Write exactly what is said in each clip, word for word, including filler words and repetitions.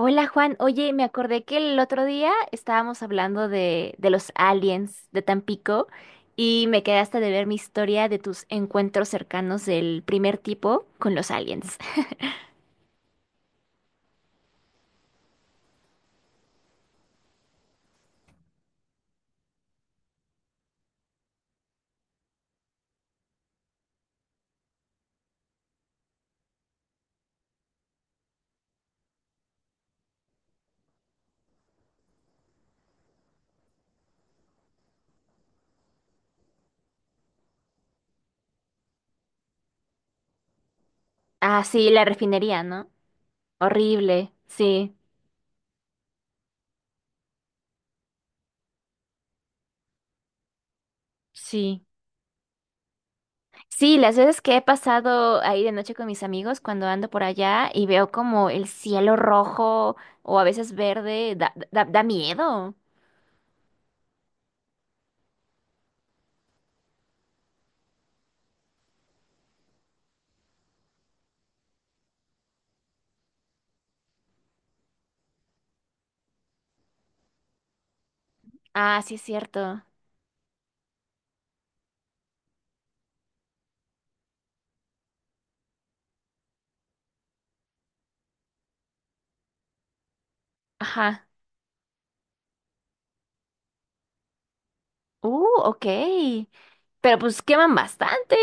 Hola Juan, oye, me acordé que el otro día estábamos hablando de, de los aliens de Tampico y me quedaste de ver mi historia de tus encuentros cercanos del primer tipo con los aliens. Ah, sí, la refinería, ¿no? Horrible, sí. Sí, sí, las veces que he pasado ahí de noche con mis amigos cuando ando por allá y veo como el cielo rojo o a veces verde, da, da, da miedo. Ah, sí, es cierto. Ajá. Uh, ok. Pero pues queman bastante.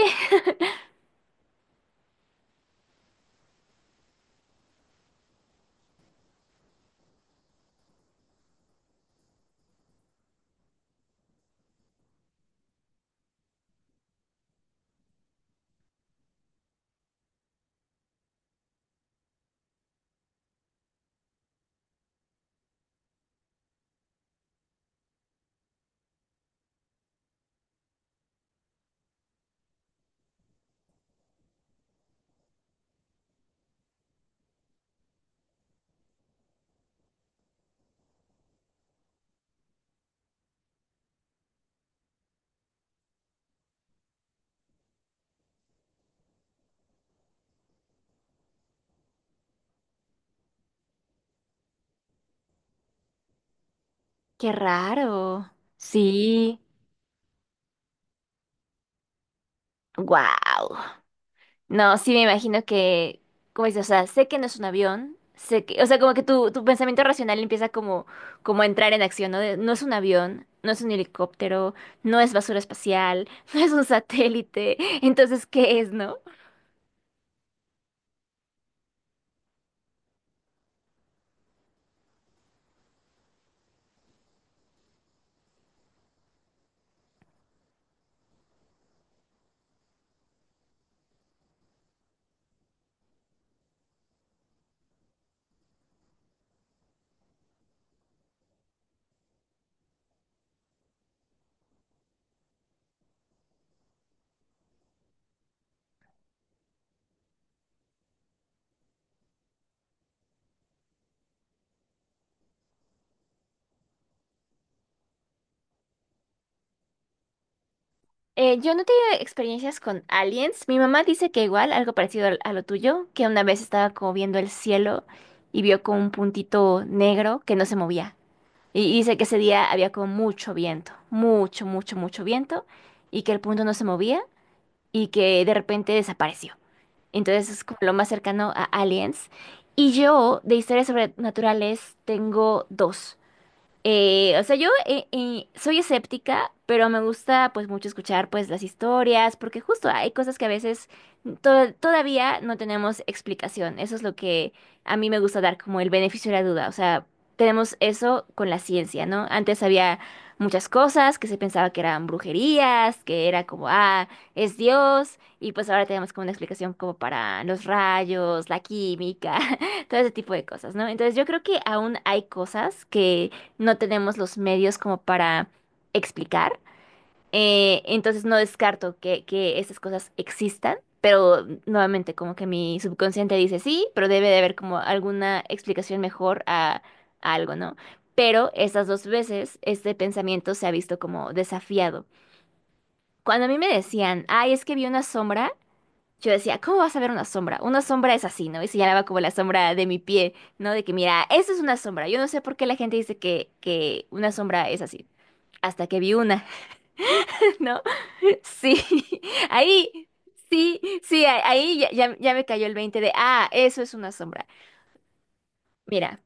Qué raro. Sí. Wow. No, sí me imagino que, como dices, o sea, sé que no es un avión, sé que, o sea, como que tu, tu pensamiento racional empieza como, como a entrar en acción, ¿no? De, no es un avión, no es un helicóptero, no es basura espacial, no es un satélite, entonces, ¿qué es, no? Eh, yo no he tenido experiencias con aliens. Mi mamá dice que igual, algo parecido al- a lo tuyo, que una vez estaba como viendo el cielo y vio como un puntito negro que no se movía. Y y dice que ese día había como mucho viento, mucho, mucho, mucho viento, y que el punto no se movía y que de repente desapareció. Entonces es como lo más cercano a aliens. Y yo de historias sobrenaturales tengo dos. Eh, o sea, yo eh, eh, soy escéptica, pero me gusta pues mucho escuchar pues las historias, porque justo hay cosas que a veces to- todavía no tenemos explicación. Eso es lo que a mí me gusta dar como el beneficio de la duda. O sea, tenemos eso con la ciencia, ¿no? Antes había muchas cosas que se pensaba que eran brujerías, que era como, ah, es Dios, y pues ahora tenemos como una explicación como para los rayos, la química, todo ese tipo de cosas, ¿no? Entonces yo creo que aún hay cosas que no tenemos los medios como para explicar. Eh, entonces no descarto que, que esas cosas existan, pero nuevamente como que mi subconsciente dice sí, pero debe de haber como alguna explicación mejor a, a algo, ¿no? Pero esas dos veces este pensamiento se ha visto como desafiado. Cuando a mí me decían, ay, es que vi una sombra, yo decía, ¿cómo vas a ver una sombra? Una sombra es así, ¿no? Y señalaba como la sombra de mi pie, ¿no? De que, mira, eso es una sombra. Yo no sé por qué la gente dice que, que una sombra es así. Hasta que vi una, ¿no? Sí, ahí, sí, sí, a- ahí ya, ya- ya me cayó el veinte de, ah, eso es una sombra. Mira,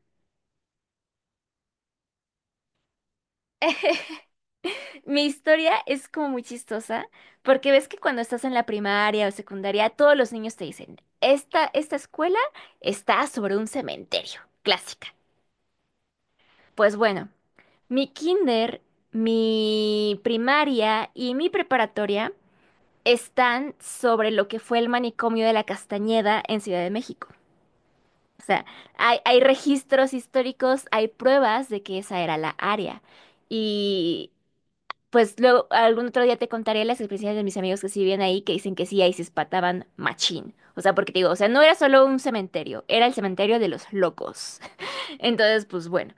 mi historia es como muy chistosa, porque ves que cuando estás en la primaria o secundaria, todos los niños te dicen, esta, esta escuela está sobre un cementerio, clásica. Pues bueno. Mi kinder, mi primaria y mi preparatoria están sobre lo que fue el manicomio de la Castañeda en Ciudad de México. O sea, hay, hay registros históricos, hay pruebas de que esa era la área. Y pues luego algún otro día te contaré las experiencias de mis amigos que sí vivían ahí, que dicen que sí, ahí se espataban machín. O sea, porque te digo, o sea, no era solo un cementerio, era el cementerio de los locos. Entonces, pues bueno.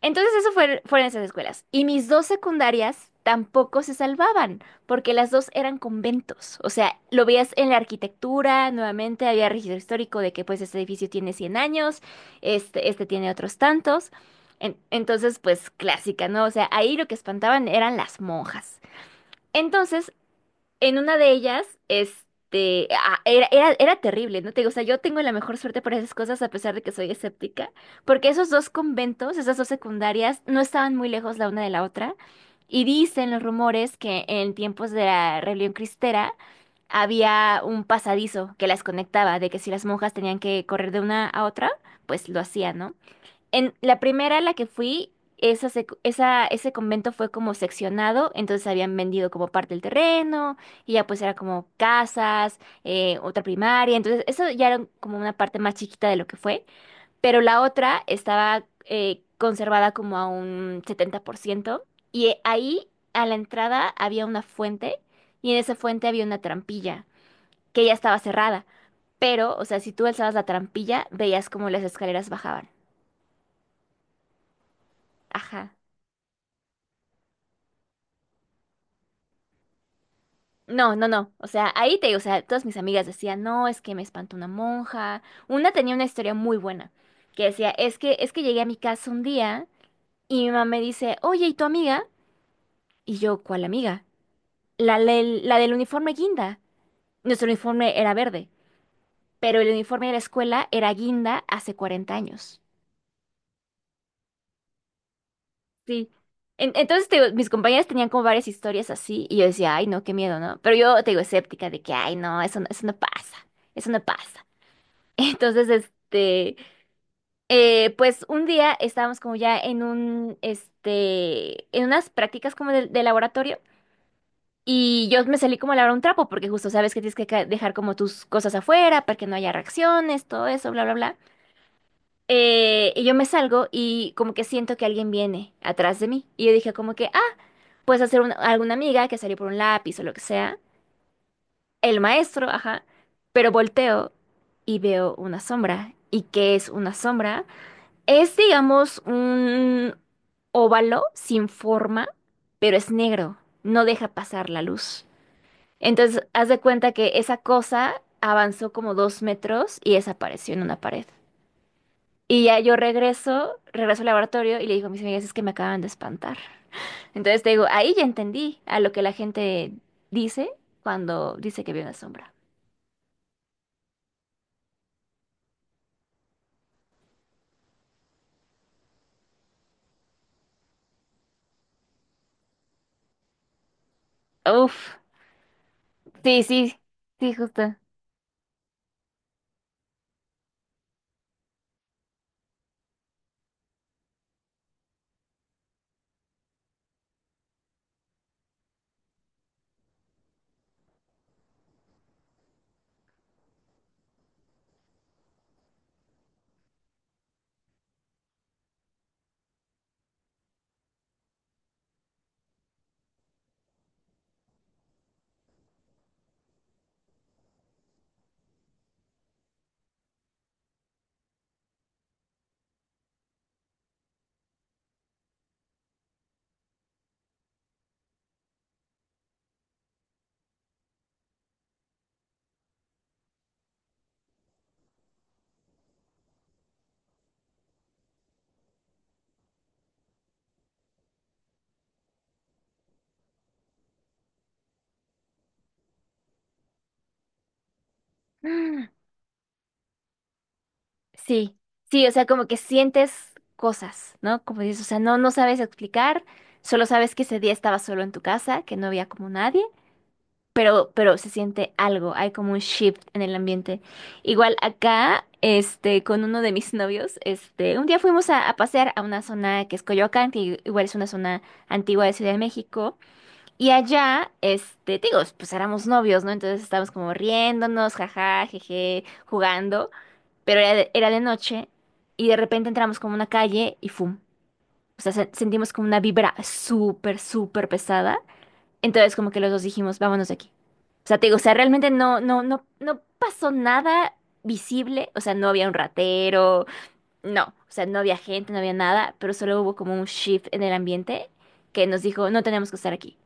Entonces eso fue, fueron esas escuelas. Y mis dos secundarias tampoco se salvaban, porque las dos eran conventos. O sea, lo veías en la arquitectura, nuevamente había registro histórico de que pues este edificio tiene cien años, este, este tiene otros tantos. En- entonces, pues clásica, ¿no? O sea, ahí lo que espantaban eran las monjas. Entonces, en una de ellas, este, ah, era, era, era terrible, ¿no? Te digo, o sea, yo tengo la mejor suerte para esas cosas a pesar de que soy escéptica, porque esos dos conventos, esas dos secundarias, no estaban muy lejos la una de la otra. Y dicen los rumores que en tiempos de la rebelión cristera había un pasadizo que las conectaba, de que si las monjas tenían que correr de una a otra, pues lo hacían, ¿no? En la primera a la que fui, esa, sec- esa, ese convento fue como seccionado, entonces habían vendido como parte del terreno, y ya pues era como casas, eh, otra primaria, entonces eso ya era como una parte más chiquita de lo que fue, pero la otra estaba eh, conservada como a un setenta por ciento y eh, ahí a la entrada había una fuente, y en esa fuente había una trampilla, que ya estaba cerrada, pero, o sea, si tú alzabas la trampilla, veías como las escaleras bajaban. Ajá. No, no, no. O sea, ahí te digo, o sea, todas mis amigas decían, no, es que me espantó una monja. Una tenía una historia muy buena, que decía, es que, es que llegué a mi casa un día y mi mamá me dice, oye, ¿y tu amiga? Y yo, ¿cuál amiga? La, del- la del uniforme guinda. Nuestro uniforme era verde, pero el uniforme de la escuela era guinda hace cuarenta años. Sí. En- entonces, te digo, mis compañeras tenían como varias historias así y yo decía, ay, no, qué miedo, ¿no? Pero yo te digo, escéptica de que, ay, no, eso, no- eso no pasa, eso no pasa. Entonces, este, eh, pues un día estábamos como ya en un, este, en unas prácticas como de, de laboratorio y yo me salí como a lavar un trapo porque justo sabes que tienes que ca- dejar como tus cosas afuera para que no haya reacciones, todo eso, bla, bla, bla. Eh, y yo me salgo y como que siento que alguien viene atrás de mí y yo dije como que, ah, puedes hacer una- alguna amiga que salió por un lápiz o lo que sea, el maestro, ajá, pero volteo y veo una sombra. ¿Y qué es una sombra? Es, digamos, un óvalo sin forma, pero es negro, no deja pasar la luz. Entonces, haz de cuenta que esa cosa avanzó como dos metros y desapareció en una pared. Y ya yo regreso, regreso al laboratorio y le digo a mis amigas, es que me acaban de espantar. Entonces te digo, ahí ya entendí a lo que la gente dice cuando dice que vio una sombra. Uf, sí, sí, sí, justo. Sí, sí, o sea, como que sientes cosas, ¿no? Como dices, o sea, no, no sabes explicar, solo sabes que ese día estabas solo en tu casa, que no había como nadie, pero, pero se siente algo, hay como un shift en el ambiente. Igual acá, este, con uno de mis novios, este, un día fuimos a, a pasear a una zona que es Coyoacán, que igual es una zona antigua de Ciudad de México, y allá, este, te digo, pues éramos novios, ¿no? Entonces estábamos como riéndonos, jaja, jeje, jugando pero era de, era de noche y de repente entramos como una calle y ¡fum! O sea, se- sentimos como una vibra súper, súper pesada. Entonces como que los dos dijimos, vámonos de aquí. O sea, te digo, o sea, realmente no, no, no, no pasó nada visible. O sea, no había un ratero, no. O sea, no había gente, no había nada, pero solo hubo como un shift en el ambiente que nos dijo, no tenemos que estar aquí.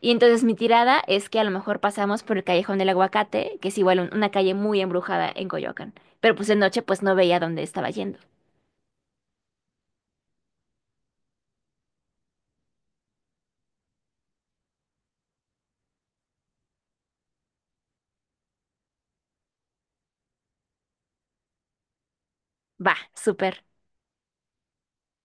Y entonces mi tirada es que a lo mejor pasamos por el Callejón del Aguacate, que es igual un- una calle muy embrujada en Coyoacán. Pero pues de noche pues no veía dónde estaba yendo. Va, súper.